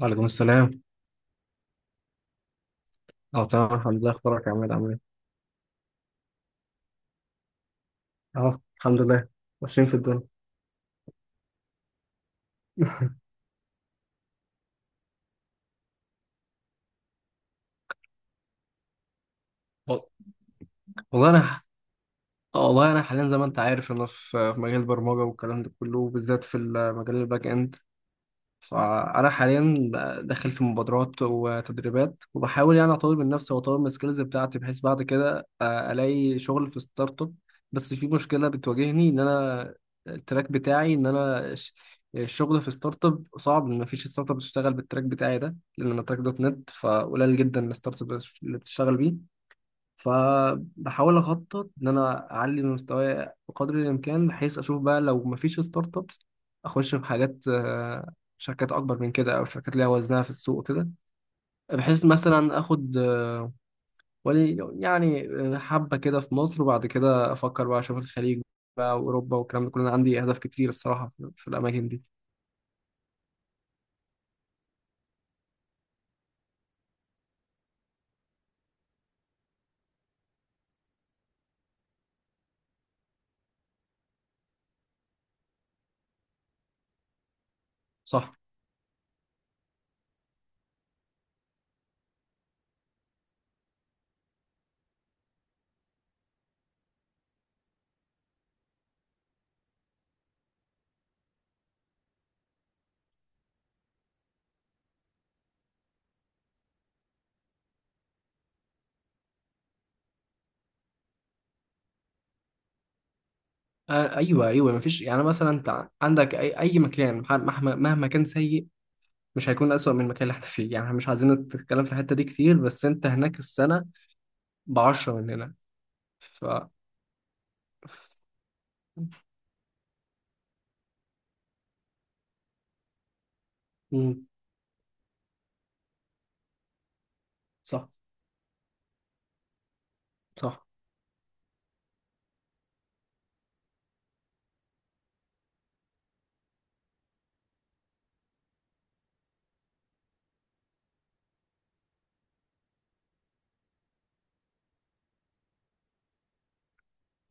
وعليكم السلام. اه، تمام الحمد لله. اخبارك يا عماد، عامل ايه؟ اه، الحمد لله. ماشيين في الدنيا. وال- والله انا ح- والله انا حاليا زي ما انت عارف، انا في مجال البرمجه والكلام ده كله، وبالذات في المجال الباك اند. فأنا حاليا داخل في مبادرات وتدريبات، وبحاول يعني أطور من نفسي وأطور من السكيلز بتاعتي بحيث بعد كده ألاقي شغل في ستارت أب. بس في مشكلة بتواجهني إن أنا التراك بتاعي، إن أنا الشغل في ستارت أب صعب، إن مفيش ستارت أب بتشتغل بالتراك بتاعي ده، لأن أنا تراك دوت نت، فقليل جدا الستارت أب اللي بتشتغل بيه. فبحاول اخطط ان انا اعلي من مستواي بقدر الامكان، بحيث اشوف بقى لو مفيش ستارت ابس، اخش في حاجات، شركات اكبر من كده، او شركات ليها وزنها في السوق كده، بحيث مثلا اخد ولي يعني، حبه كده في مصر، وبعد كده افكر بقى اشوف الخليج بقى واوروبا والكلام ده كله. انا عندي اهداف كتير الصراحه في الاماكن دي. صح. آه، ايوه ايوه، مفيش يعني، مثلا انت عندك اي مكان، مهما كان سيء، مش هيكون أسوأ من المكان اللي احنا فيه. يعني احنا مش عايزين نتكلم في الحتة دي كتير، بس انت هناك السنة بعشرة من هنا. ف مم. صح صح،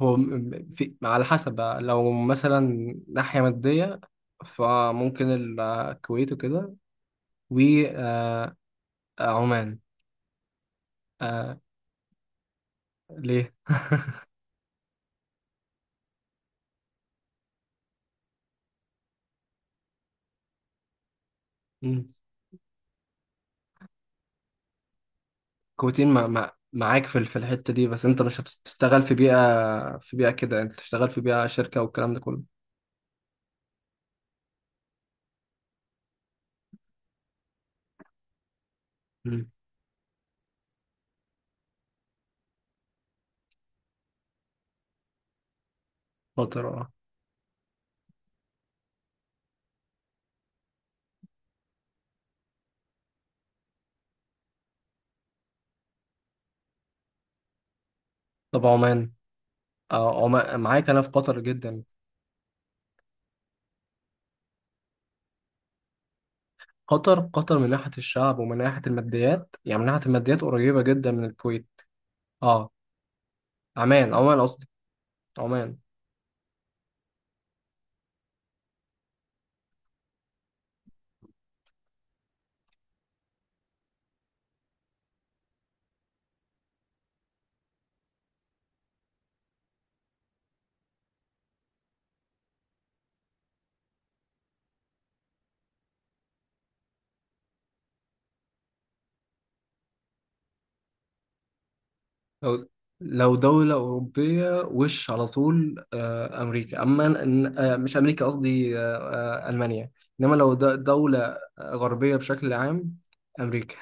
هو في، على حسب بقى، لو مثلا ناحية مادية، فممكن الكويت وكده، وعمان. ليه؟ مم. كويتين، مع معاك في في الحتة دي، بس انت مش هتشتغل في بيئة كده، انت تشتغل في بيئة شركة والكلام ده كله. مم. خاطر، اه. طب عمان. اه، هو معاك انا في قطر جدا. قطر قطر من ناحيه الشعب ومن ناحيه الماديات، يعني من ناحيه الماديات قريبه جدا من الكويت. اه. عمان، عمان قصدي، عمان. لو لو دوله اوروبيه، وش على طول امريكا، اما إن- آه مش امريكا قصدي، المانيا. انما لو دوله غربيه بشكل عام. امريكا.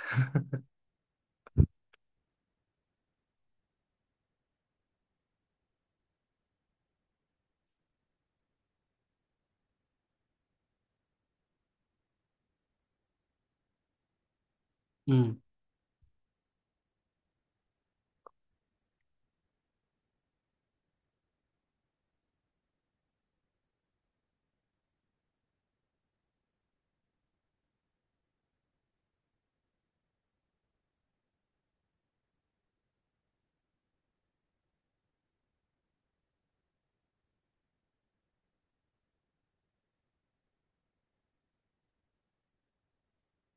امم.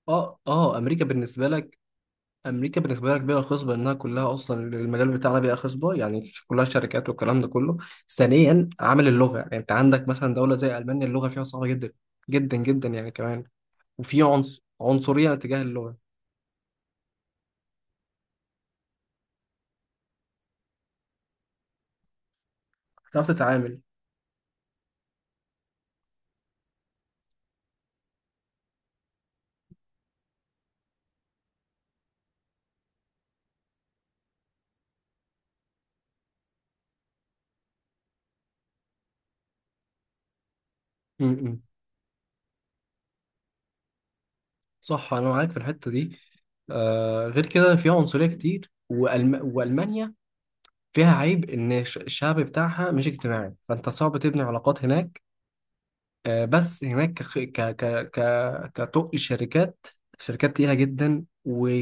اه اه، امريكا بالنسبه لك. امريكا بالنسبه لها كبيره خصبه، انها كلها اصلا المجال بتاعنا بيئه خصبه، يعني كلها شركات والكلام ده كله. ثانيا عامل اللغه، يعني انت عندك مثلا دوله زي المانيا اللغه فيها صعبه جدا جدا جدا يعني كمان، وفي عنصر عنصريه تجاه اللغه، هتعرف تتعامل. امم. صح، انا معاك في الحته دي. آه، غير كده فيها عنصريه كتير، والمانيا فيها عيب ان الشعب بتاعها مش اجتماعي، فانت صعب تبني علاقات هناك. بس هناك كخ- ك ك ك كطق شركات تقيلة جدا، و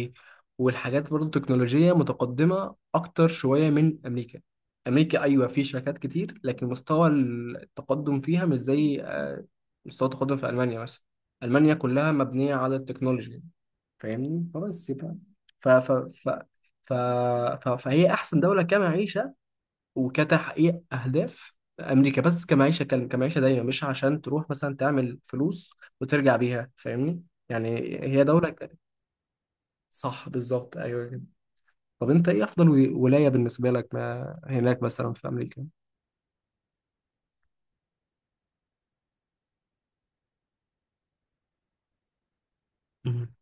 والحاجات برضه تكنولوجية متقدمة أكتر شوية من أمريكا. أمريكا أيوة في شركات كتير، لكن مستوى التقدم فيها مش زي مستوى التقدم في ألمانيا مثلا. ألمانيا كلها مبنية على التكنولوجيا، فاهمني. فبس يبقى ف ف ف ف ف فهي أحسن دولة كمعيشة وكتحقيق اهداف. امريكا بس كمعيشه، كان كمعيشه دايما، مش عشان تروح مثلا تعمل فلوس وترجع بيها، فاهمني. يعني هي دوله صح، بالظبط، ايوه كده. طب انت ايه افضل ولايه بالنسبه لك ما هناك مثلا في امريكا؟ مهم.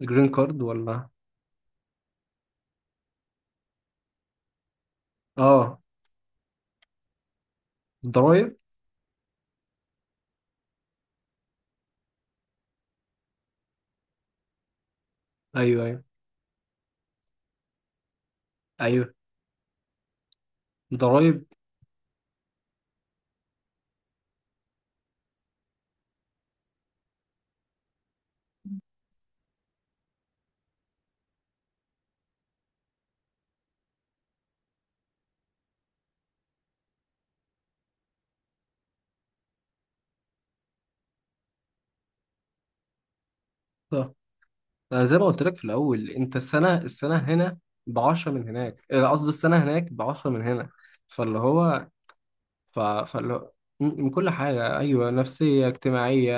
الجرين كارد ولا؟ اه. ضرايب. ايوه ايوه ايوه، ضرايب. صح. انا زي ما قلت لك في الاول، انت السنه هنا ب 10 من هناك، قصدي السنه هناك ب 10 من هنا، فاللي هو فاللي هو من كل حاجة، أيوة، نفسية اجتماعية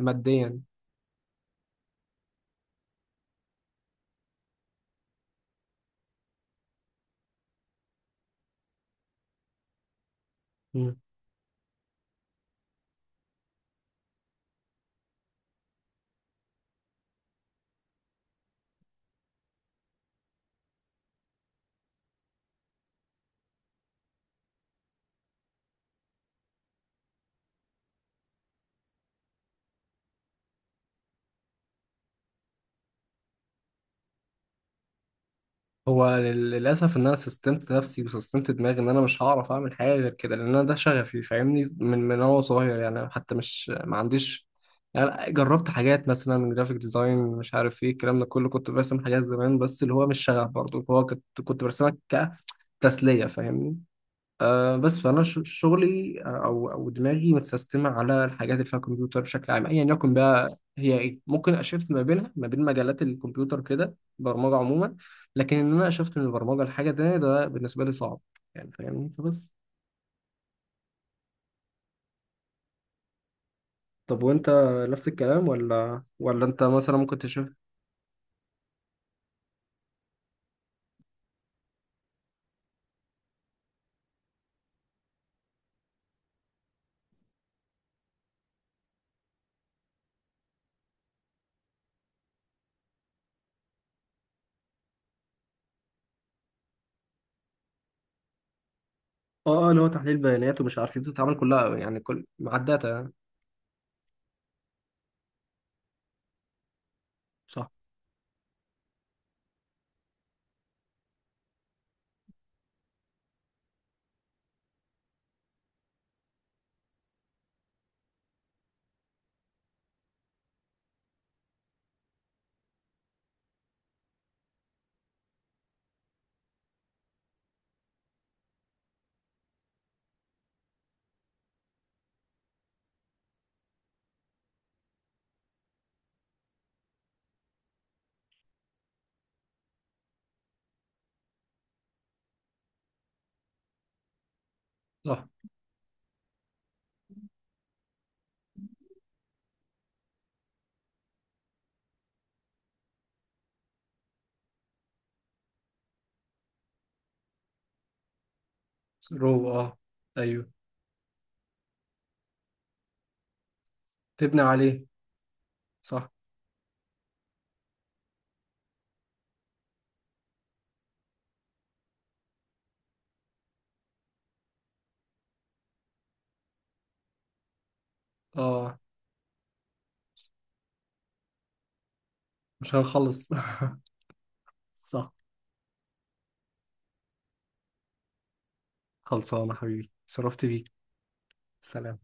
ماديا. مم. هو للأسف إن أنا سستمت نفسي وسستمت دماغي، إن أنا مش هعرف أعمل حاجة غير كده، لأن أنا ده شغفي، فاهمني، من وأنا صغير يعني، حتى مش ما عنديش. يعني جربت حاجات مثلا جرافيك ديزاين، مش عارف ايه الكلام ده كله، كنت برسم حاجات زمان، بس اللي هو مش شغف برضه، هو كنت برسمها كتسلية فاهمني. آه، بس فانا شغلي، او دماغي متسيستمه على الحاجات اللي فيها كمبيوتر بشكل عام، ايا يكن بقى هي ايه، ممكن اشفت ما بينها ما بين مجالات الكمبيوتر كده، برمجه عموما. لكن ان انا اشفت من البرمجه لحاجه تانية، ده بالنسبه لي صعب يعني فاهمني، فبس. طب وانت؟ نفس الكلام ولا انت مثلا ممكن تشوف؟ اه اه، اللي هو تحليل بيانات ومش عارف ايه، بتتعامل كلها يعني كل مع الداتا يعني. صح صح. رو، اه. ايوه. تبني عليه. صح. اه. مش هنخلص صح. خلصانة حبيبي، شرفت بيك. سلام.